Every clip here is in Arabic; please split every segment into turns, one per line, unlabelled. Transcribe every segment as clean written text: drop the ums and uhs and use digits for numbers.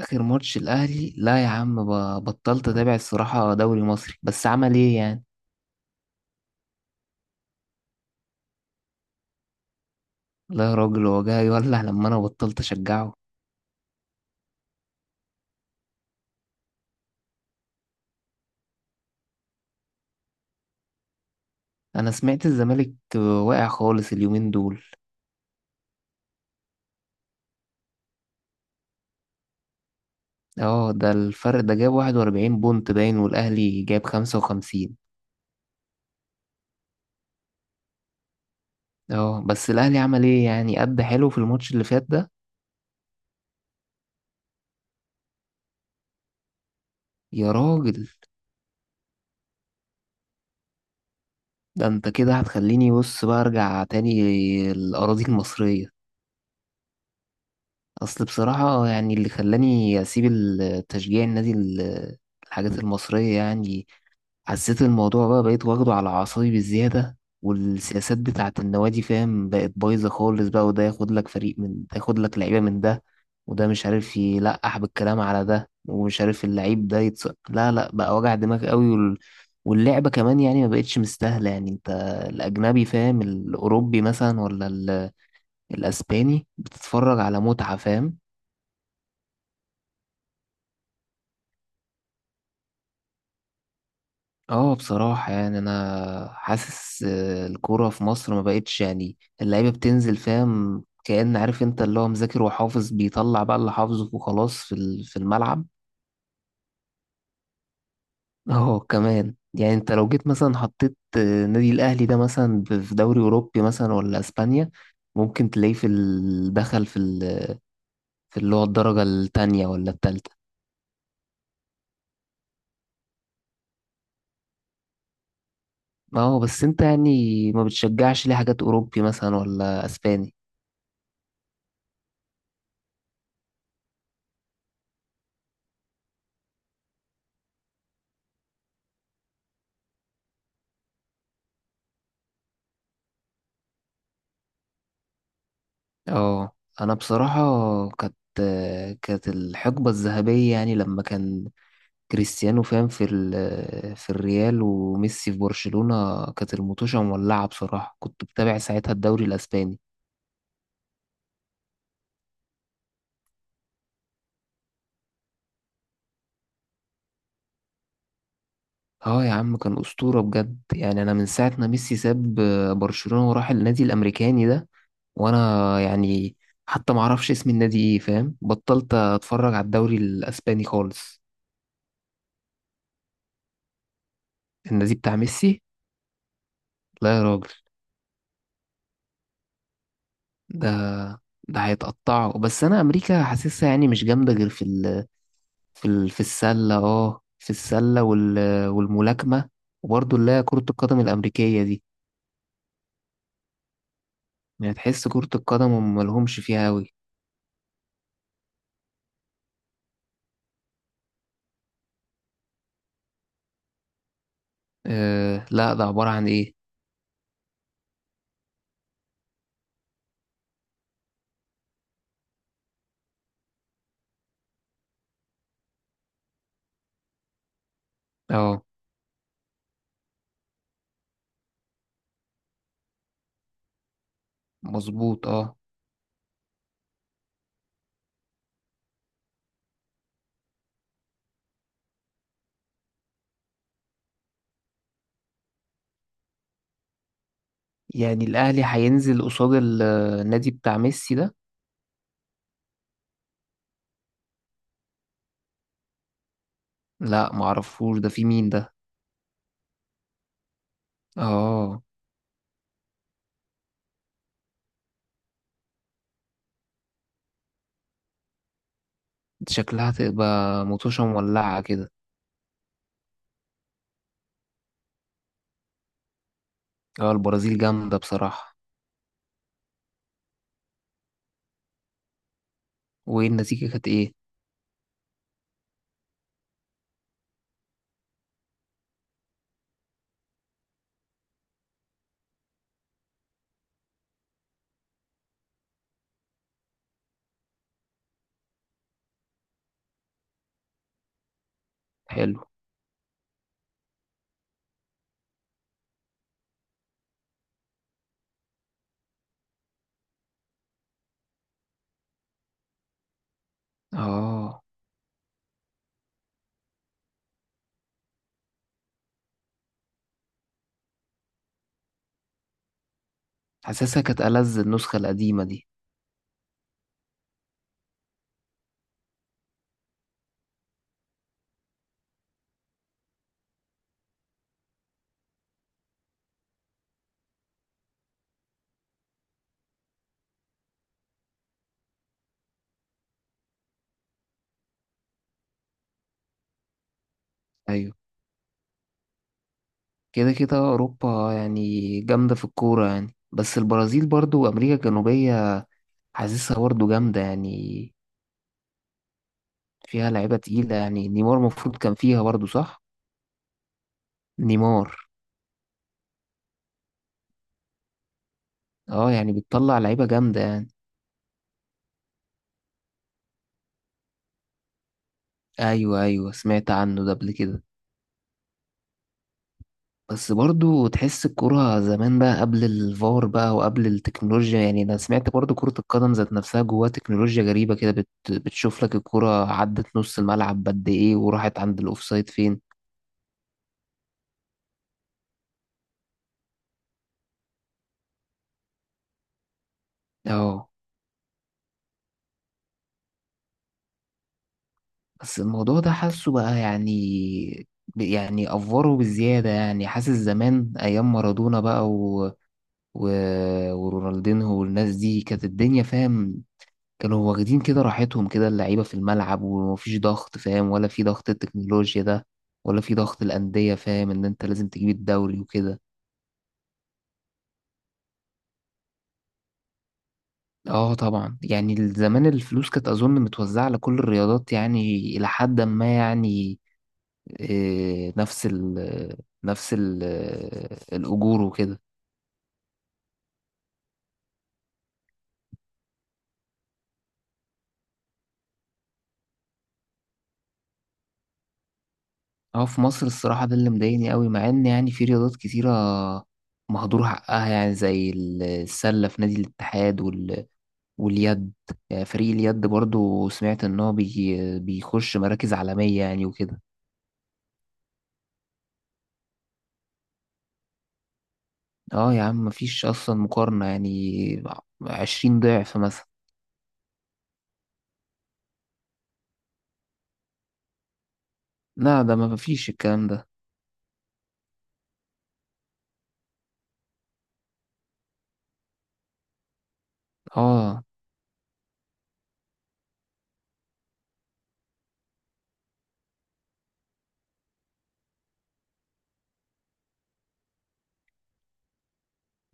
اخر ماتش الاهلي، لا يا عم، بطلت اتابع الصراحه دوري مصري، بس عمل ايه يعني. لا يا راجل، هو جاي يولع لما انا بطلت اشجعه. انا سمعت الزمالك واقع خالص اليومين دول. اه، ده الفرق ده جاب 41 بونت باين، والاهلي جاب 55. اه بس الاهلي عمل ايه يعني، قد حلو في الماتش اللي فات ده؟ يا راجل، ده انت كده هتخليني بص بقى ارجع تاني الاراضي المصريه. اصل بصراحة يعني اللي خلاني اسيب التشجيع النادي الحاجات المصرية يعني، حسيت الموضوع بقى، بقيت واخده على اعصابي بالزيادة، والسياسات بتاعة النوادي فاهم بقت بايظة خالص بقى، وده ياخد لك فريق من ده، ياخد لك لعيبة من ده، وده مش عارف يلقح بالكلام على ده، ومش عارف اللعيب ده لا لا بقى، وجع دماغ قوي، واللعبة كمان يعني ما بقتش مستاهلة. يعني انت الأجنبي فاهم، الأوروبي مثلا، ولا الأسباني، بتتفرج على متعة فاهم. اه بصراحة يعني أنا حاسس، الكورة في مصر ما بقتش يعني، اللعيبة بتنزل فاهم كأن، عارف أنت اللي هو مذاكر وحافظ، بيطلع بقى اللي حافظه وخلاص في في الملعب. اه كمان يعني، أنت لو جيت مثلا حطيت نادي الأهلي ده مثلا في دوري أوروبي مثلا ولا أسبانيا، ممكن تلاقيه في دخل في في اللي هو الدرجة التانية ولا التالتة. اه بس أنت يعني ما بتشجعش ليه حاجات أوروبي مثلا ولا أسباني؟ اه انا بصراحة كانت كانت الحقبة الذهبية يعني، لما كان كريستيانو فاهم في الريال، وميسي في برشلونة، كانت المطوشة مولعة. بصراحة كنت بتابع ساعتها الدوري الاسباني. اه يا عم، كان اسطورة بجد يعني. انا من ساعة ما ميسي ساب برشلونة وراح النادي الامريكاني ده، وانا يعني حتى معرفش اسم النادي ايه فاهم، بطلت اتفرج على الدوري الاسباني خالص. النادي بتاع ميسي، لا يا راجل. ده ده هيتقطعوا، بس انا امريكا حاسسها يعني مش جامده غير في السله، اه في السله، والملاكمه، وبرضه اللي هي كره القدم الامريكيه دي. يعني تحس كره القدم هم ملهمش فيها قوي. أه لا، ده عباره عن ايه؟ اه مظبوط. اه يعني الاهلي هينزل قصاد النادي بتاع ميسي ده؟ لا معرفوش ده، في مين ده؟ اه. شكلها تبقى مطوشه مولعه كده. اه البرازيل جامده بصراحه. وايه النتيجه، كانت ايه؟ حلو. اه حاسسها كانت ألذ النسخة القديمة دي. أيوة، كده كده أوروبا يعني جامدة في الكورة، يعني بس البرازيل برضو وأمريكا الجنوبية حاسسها برضو جامدة يعني. فيها لعيبة تقيلة يعني، نيمار المفروض كان فيها برضو، صح؟ نيمار. اه يعني بتطلع لعيبة جامدة يعني. أيوة أيوة، سمعت عنه ده قبل كده. بس برضو تحس الكرة زمان بقى، قبل الفار بقى وقبل التكنولوجيا. يعني أنا سمعت برضو كرة القدم ذات نفسها جواها تكنولوجيا غريبة كده، بتشوف لك الكرة عدت نص الملعب قد إيه، وراحت عند الأوفسايد فين. اه بس الموضوع ده حاسه بقى يعني يعني أفوره بزيادة. يعني حاسس زمان أيام مارادونا بقى و... ورونالدينهو والناس دي، كانت الدنيا فاهم، كانوا واخدين كده راحتهم كده اللعيبة في الملعب، ومفيش ضغط فاهم، ولا في ضغط التكنولوجيا ده، ولا في ضغط الأندية فاهم، إن أنت لازم تجيب الدوري وكده. اه طبعا يعني، زمان الفلوس كانت أظن متوزعة على كل الرياضات يعني، إلى حد ما يعني، إيه، نفس ال الأجور وكده. اه في مصر الصراحة ده اللي مضايقني قوي، مع إن يعني في رياضات كتيرة مهدور حقها يعني، زي السلة في نادي الاتحاد، واليد، فريق اليد برضو سمعت ان هو بي بيخش مراكز عالمية يعني وكده. اه يا عم مفيش اصلا مقارنة يعني، 20 ضعف مثلا. لا ده ما فيش الكلام ده. اه.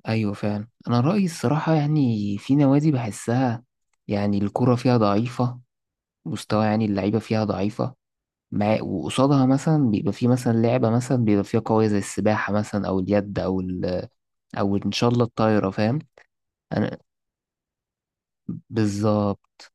ايوه فعلا، انا رأيي الصراحة يعني في نوادي بحسها يعني الكرة فيها ضعيفة مستوى، يعني اللعيبة فيها ضعيفة، مع وقصادها مثلا بيبقى في مثلا لعبة مثلا بيبقى فيها قوية، زي السباحة مثلا، أو اليد، أو إن شاء الله الطايرة فاهم. أنا بالظبط،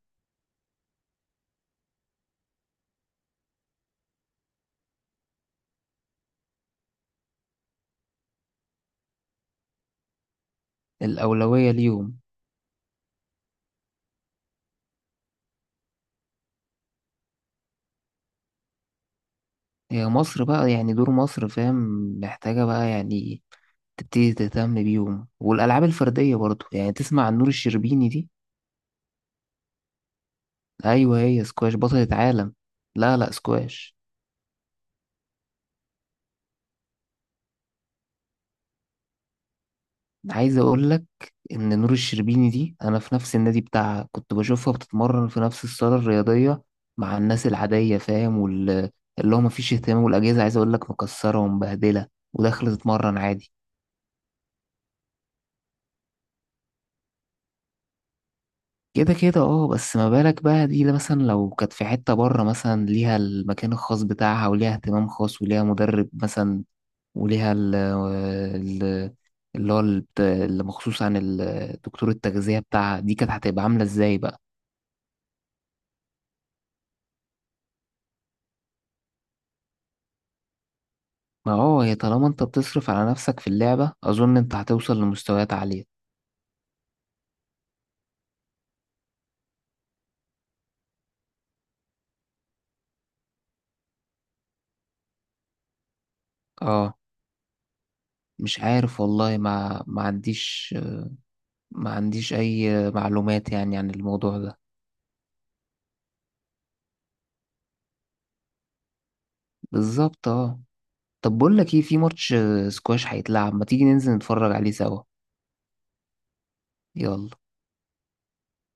الأولوية ليهم. هي مصر بقى يعني دور مصر فاهم، محتاجة بقى يعني تبتدي تهتم بيهم، والألعاب الفردية برضو يعني. تسمع عن نور الشربيني دي؟ أيوة هي سكواش بطلة عالم. لا لا سكواش. عايز أقولك إن نور الشربيني دي، أنا في نفس النادي بتاعها، كنت بشوفها بتتمرن في نفس الصالة الرياضية مع الناس العادية فاهم، واللي هو مفيش اهتمام، والأجهزة عايز أقولك مكسرة ومبهدلة، وداخلة تتمرن عادي. كده كده اه، بس ما بالك بقى دي، لا مثلا لو كانت في حتة بره مثلا، ليها المكان الخاص بتاعها، وليها اهتمام خاص، وليها مدرب مثلا، وليها اللي مخصوص عن دكتور التغذية بتاعها، دي كانت هتبقى عاملة ازاي بقى؟ ما اه، هي طالما انت بتصرف على نفسك في اللعبة، اظن انت هتوصل لمستويات عالية. اه مش عارف والله، ما عنديش، ما عنديش اي معلومات يعني عن الموضوع ده. بالظبط اه. طب بقول لك ايه، في ماتش سكواش هيتلعب، ما تيجي ننزل نتفرج عليه سوا؟ يلا.